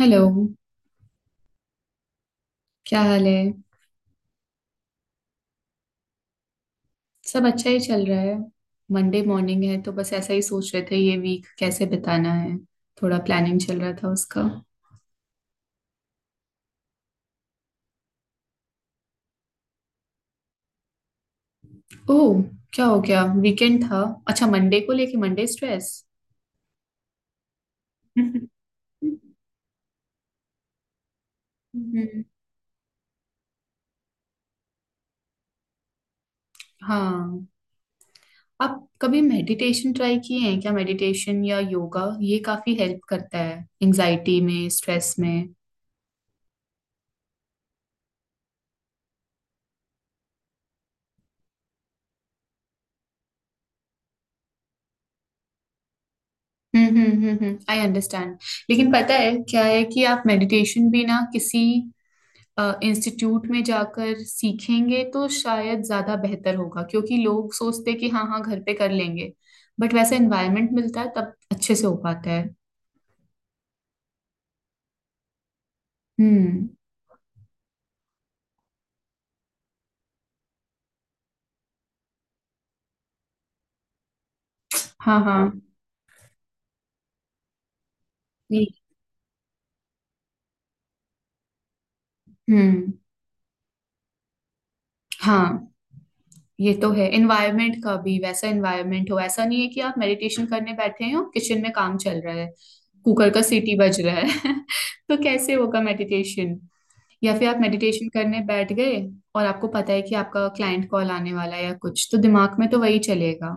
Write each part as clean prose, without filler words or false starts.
Hello. क्या हाल है। सब अच्छा ही चल रहा है। मंडे मॉर्निंग है तो बस ऐसा ही सोच रहे थे ये वीक कैसे बिताना है। थोड़ा प्लानिंग चल रहा था उसका। ओह, क्या हो गया, वीकेंड था? अच्छा, मंडे को लेके मंडे स्ट्रेस। हम्म। हाँ, आप कभी मेडिटेशन ट्राई किए हैं क्या? मेडिटेशन या योगा ये काफी हेल्प करता है एंजाइटी में, स्ट्रेस में। हम्म, आई अंडरस्टैंड। लेकिन पता है क्या है कि आप मेडिटेशन भी ना किसी इंस्टीट्यूट में जाकर सीखेंगे तो शायद ज्यादा बेहतर होगा, क्योंकि लोग सोचते हैं कि हाँ हाँ घर पे कर लेंगे। बट वैसा एनवायरनमेंट मिलता है तब अच्छे से हो पाता है। हम्म। हाँ हाँ। ये- हम्म। हाँ, ये तो है, एनवायरनमेंट का भी वैसा एनवायरनमेंट हो, ऐसा नहीं है कि आप मेडिटेशन करने बैठे हैं और किचन में काम चल रहा है, कुकर का सीटी बज रहा है तो कैसे होगा मेडिटेशन? या फिर आप मेडिटेशन करने बैठ गए और आपको पता है कि आपका क्लाइंट कॉल आने वाला है या कुछ, तो दिमाग में तो वही चलेगा।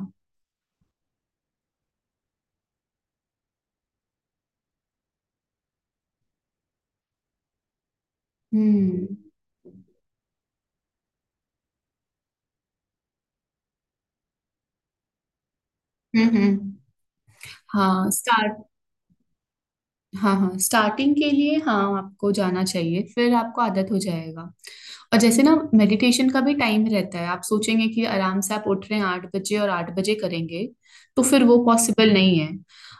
हम्म हम्म हम्म। हाँ स्टार्ट। हाँ हाँ, स्टार्टिंग के लिए हाँ आपको जाना चाहिए, फिर आपको आदत हो जाएगा। और जैसे ना मेडिटेशन का भी टाइम रहता है, आप सोचेंगे कि आराम से आप उठ रहे हैं 8 बजे और 8 बजे करेंगे, तो फिर वो पॉसिबल नहीं है।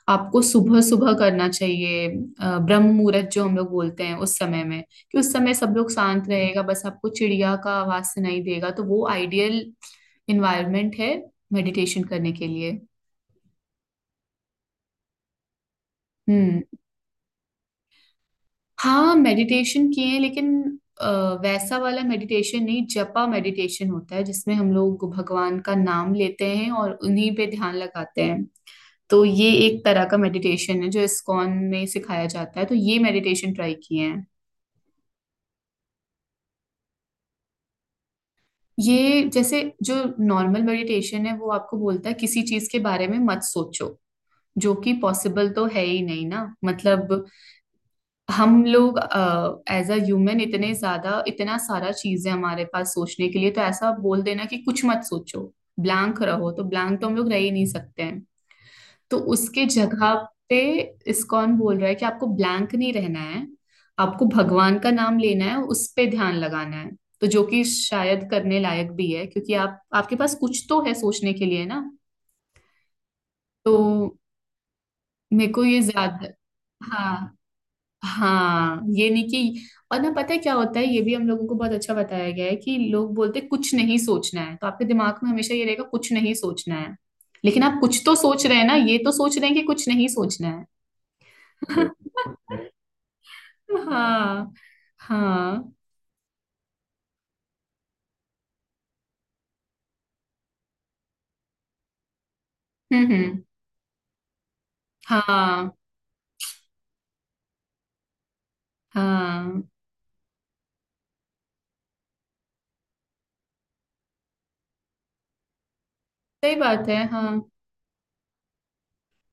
आपको सुबह सुबह करना चाहिए, ब्रह्म मुहूर्त जो हम लोग बोलते हैं उस समय में, कि उस समय सब लोग शांत रहेगा, बस आपको चिड़िया का आवाज सुनाई देगा, तो वो आइडियल इन्वायरमेंट है मेडिटेशन करने के लिए। हम्म। हाँ मेडिटेशन किए हैं, लेकिन अ, वैसा वाला मेडिटेशन नहीं, जपा मेडिटेशन होता है जिसमें हम लोग भगवान का नाम लेते हैं और उन्हीं पे ध्यान लगाते हैं। तो ये एक तरह का मेडिटेशन है जो इस्कॉन में सिखाया जाता है, तो ये मेडिटेशन ट्राई किए हैं। ये जैसे जो नॉर्मल मेडिटेशन है वो आपको बोलता है किसी चीज के बारे में मत सोचो, जो कि पॉसिबल तो है ही नहीं ना, मतलब। हम लोग एज अ ह्यूमन इतने ज्यादा इतना सारा चीज है हमारे पास सोचने के लिए, तो ऐसा बोल देना कि कुछ मत सोचो, ब्लैंक रहो, तो ब्लैंक तो हम लोग रह ही नहीं सकते हैं। तो उसके जगह पे इस्कॉन बोल रहा है कि आपको ब्लैंक नहीं रहना है, आपको भगवान का नाम लेना है, उस पे ध्यान लगाना है। तो जो कि शायद करने लायक भी है, क्योंकि आप आपके पास कुछ तो है सोचने के लिए ना। तो मेरे को ये ज्यादा। हाँ हाँ, ये नहीं कि, और ना पता है क्या होता है, ये भी हम लोगों को बहुत अच्छा बताया गया है कि लोग बोलते हैं, कुछ नहीं सोचना है, तो आपके दिमाग में हमेशा ये रहेगा कुछ नहीं सोचना है। लेकिन आप कुछ तो सोच रहे हैं ना, ये तो सोच रहे हैं कि कुछ नहीं सोचना है। Right। हाँ। हाँ। हम्म। हाँ हाँ सही बात है, हाँ।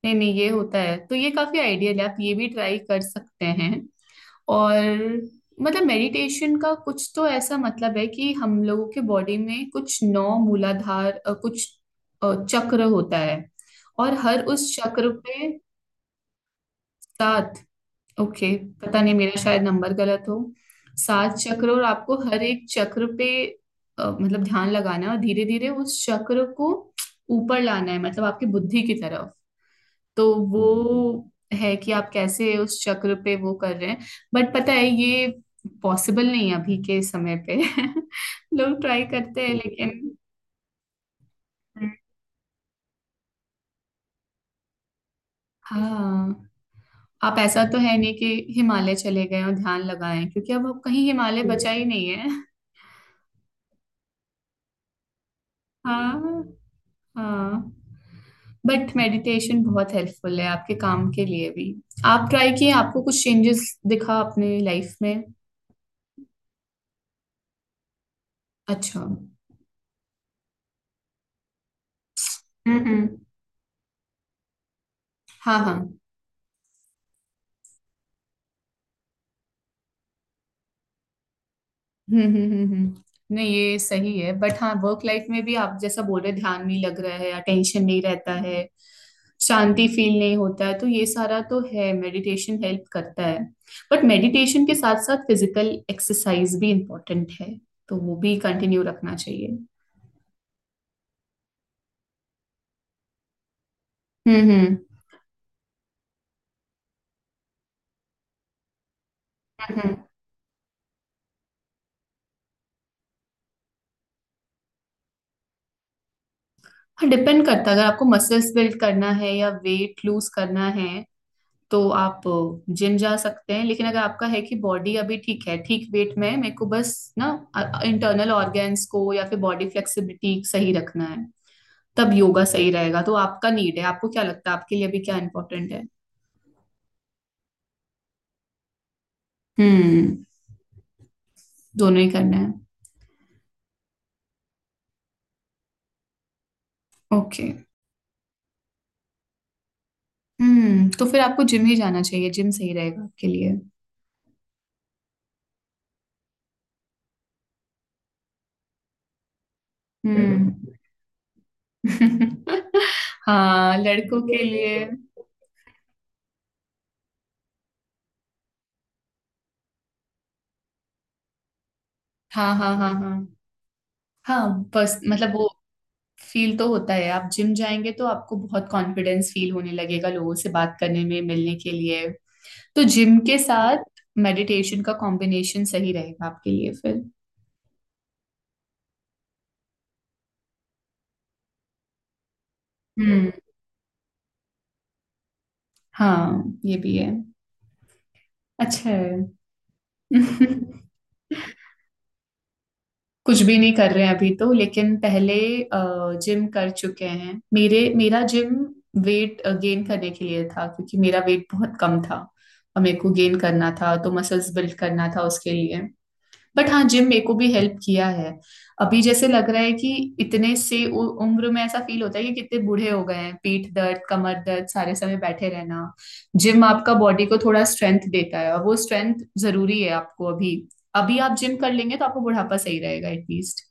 नहीं नहीं, ये होता है, तो ये काफी आइडियल है, आप ये भी ट्राई कर सकते हैं। और मतलब मेडिटेशन का कुछ तो ऐसा मतलब है, कि हम लोगों के बॉडी में कुछ नौ मूलाधार कुछ चक्र होता है, और हर उस चक्र पे। सात। ओके। पता नहीं मेरा शायद नंबर गलत हो। सात चक्र, और आपको हर एक चक्र पे मतलब ध्यान लगाना है, और धीरे धीरे उस चक्र को ऊपर लाना है, मतलब आपकी बुद्धि की तरफ। तो वो। है कि आप कैसे उस चक्र पे वो कर रहे हैं। बट पता है ये पॉसिबल नहीं है अभी के समय पे। लोग ट्राई करते हैं बिल्कुल, लेकिन हाँ। आप ऐसा तो है नहीं कि हिमालय चले गए और ध्यान लगाएं, क्योंकि अब कहीं हिमालय बचा ही नहीं है। हाँ हाँ। बट मेडिटेशन बहुत हेल्पफुल है आपके काम के लिए भी। आप ट्राई किए, आपको कुछ चेंजेस दिखा अपने लाइफ में? अच्छा, हम्म। हाँ हाँ। नहीं, ये सही है, बट हाँ वर्क लाइफ में भी आप जैसा बोल रहे, ध्यान नहीं लग रहा है, अटेंशन नहीं रहता है, शांति फील नहीं होता है, तो ये सारा तो है, मेडिटेशन हेल्प करता है। बट मेडिटेशन के साथ साथ फिजिकल एक्सरसाइज भी इम्पोर्टेंट है, तो वो भी कंटिन्यू रखना चाहिए। हम्म। हम्म, हम्म। हाँ, डिपेंड करता है, अगर आपको मसल्स बिल्ड करना है या वेट लूज करना है, तो आप जिम जा सकते हैं, लेकिन अगर आपका है कि बॉडी अभी ठीक है, ठीक वेट में है, मेरे को बस ना इंटरनल ऑर्गेन्स को या फिर बॉडी फ्लेक्सिबिलिटी सही रखना है, तब योगा सही रहेगा। तो आपका नीड है, आपको क्या लगता है आपके लिए अभी क्या इंपॉर्टेंट है? हम्म, दोनों ही करना है। ओके। हम्म, तो फिर आपको जिम ही जाना चाहिए, जिम सही रहेगा आपके लिए। हम्म। हाँ लड़कों के लिए। हाँ हाँ हाँ हाँ, हाँ बस मतलब वो फील तो होता है, आप जिम जाएंगे तो आपको बहुत कॉन्फिडेंस फील होने लगेगा लोगों से बात करने में, मिलने के लिए। तो जिम के साथ मेडिटेशन का कॉम्बिनेशन सही रहेगा आपके लिए फिर। हम्म। हाँ ये भी है। अच्छा है। कुछ भी नहीं कर रहे हैं अभी तो, लेकिन पहले जिम कर चुके हैं, मेरे मेरा जिम वेट गेन करने के लिए था, क्योंकि मेरा वेट बहुत कम था, और मेरे को गेन करना था, तो मसल्स बिल्ड करना था उसके लिए। बट हाँ, जिम मेरे को भी हेल्प किया है। अभी जैसे लग रहा है कि इतने से उम्र में ऐसा फील होता है कि कितने बूढ़े हो गए हैं, पीठ दर्द, कमर दर्द, सारे समय बैठे रहना। जिम आपका बॉडी को थोड़ा स्ट्रेंथ देता है, और वो स्ट्रेंथ जरूरी है आपको अभी। अभी आप जिम कर लेंगे तो आपको बुढ़ापा सही रहेगा एटलीस्ट।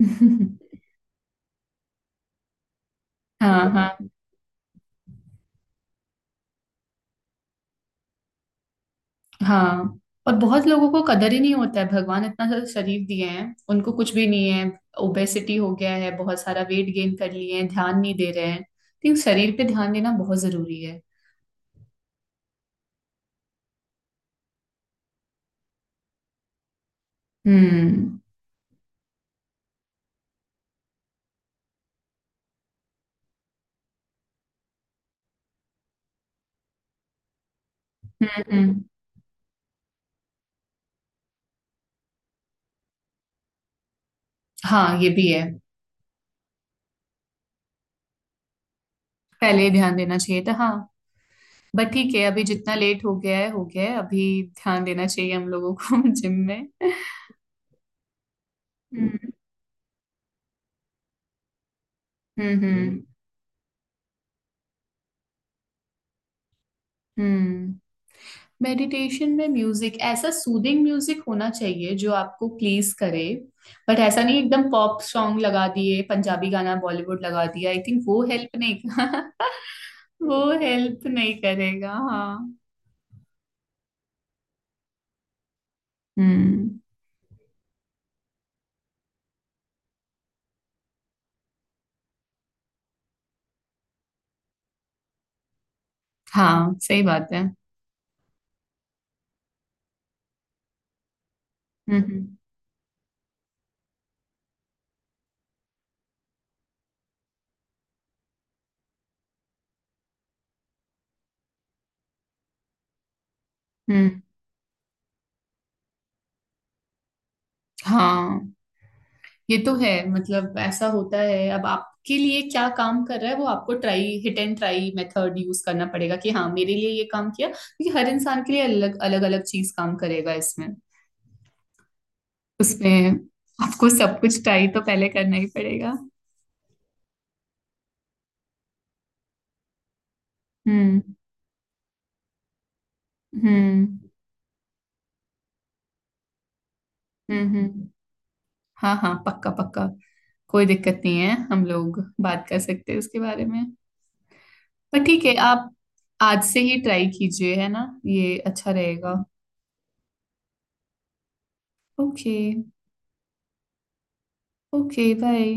हाँ हाँ हाँ। और बहुत लोगों को कदर ही नहीं होता है, भगवान इतना सारा शरीर दिए हैं उनको, कुछ भी नहीं है, ओबेसिटी हो गया है, बहुत सारा वेट गेन कर लिए हैं, ध्यान नहीं दे रहे हैं, तो शरीर पे ध्यान देना बहुत जरूरी है। हम्म हम्म हम्म। हाँ ये भी है। पहले ही ध्यान देना चाहिए था, हाँ। बट ठीक है, अभी जितना लेट हो गया है हो गया है, अभी ध्यान देना चाहिए हम लोगों को। जिम में। हम्म हम्म हम्म हम्म। मेडिटेशन में म्यूजिक ऐसा सूदिंग म्यूजिक होना चाहिए जो आपको प्लीज करे, बट ऐसा नहीं एकदम पॉप सॉन्ग लगा दिए, पंजाबी गाना बॉलीवुड लगा दिया, आई थिंक वो हेल्प नहीं वो हेल्प नहीं करेगा, हाँ। हम्म। हाँ सही बात है। हम्म हम्म हम्म, हाँ ये तो है, मतलब ऐसा होता है, अब आपके लिए क्या काम कर रहा है, वो आपको try, hit and try method use करना पड़ेगा, कि हाँ मेरे लिए ये काम किया, क्योंकि हर इंसान के लिए अलग अलग अलग चीज काम करेगा इसमें उसमें। आपको सब कुछ ट्राई तो पहले करना ही पड़ेगा। हम्म हम्म हम्म। हाँ हाँ पक्का पक्का। कोई दिक्कत नहीं है, हम लोग बात कर सकते हैं उसके बारे में। पर ठीक है, आप आज से ही ट्राई कीजिए, है ना? ये अच्छा रहेगा। ओके। Okay bye.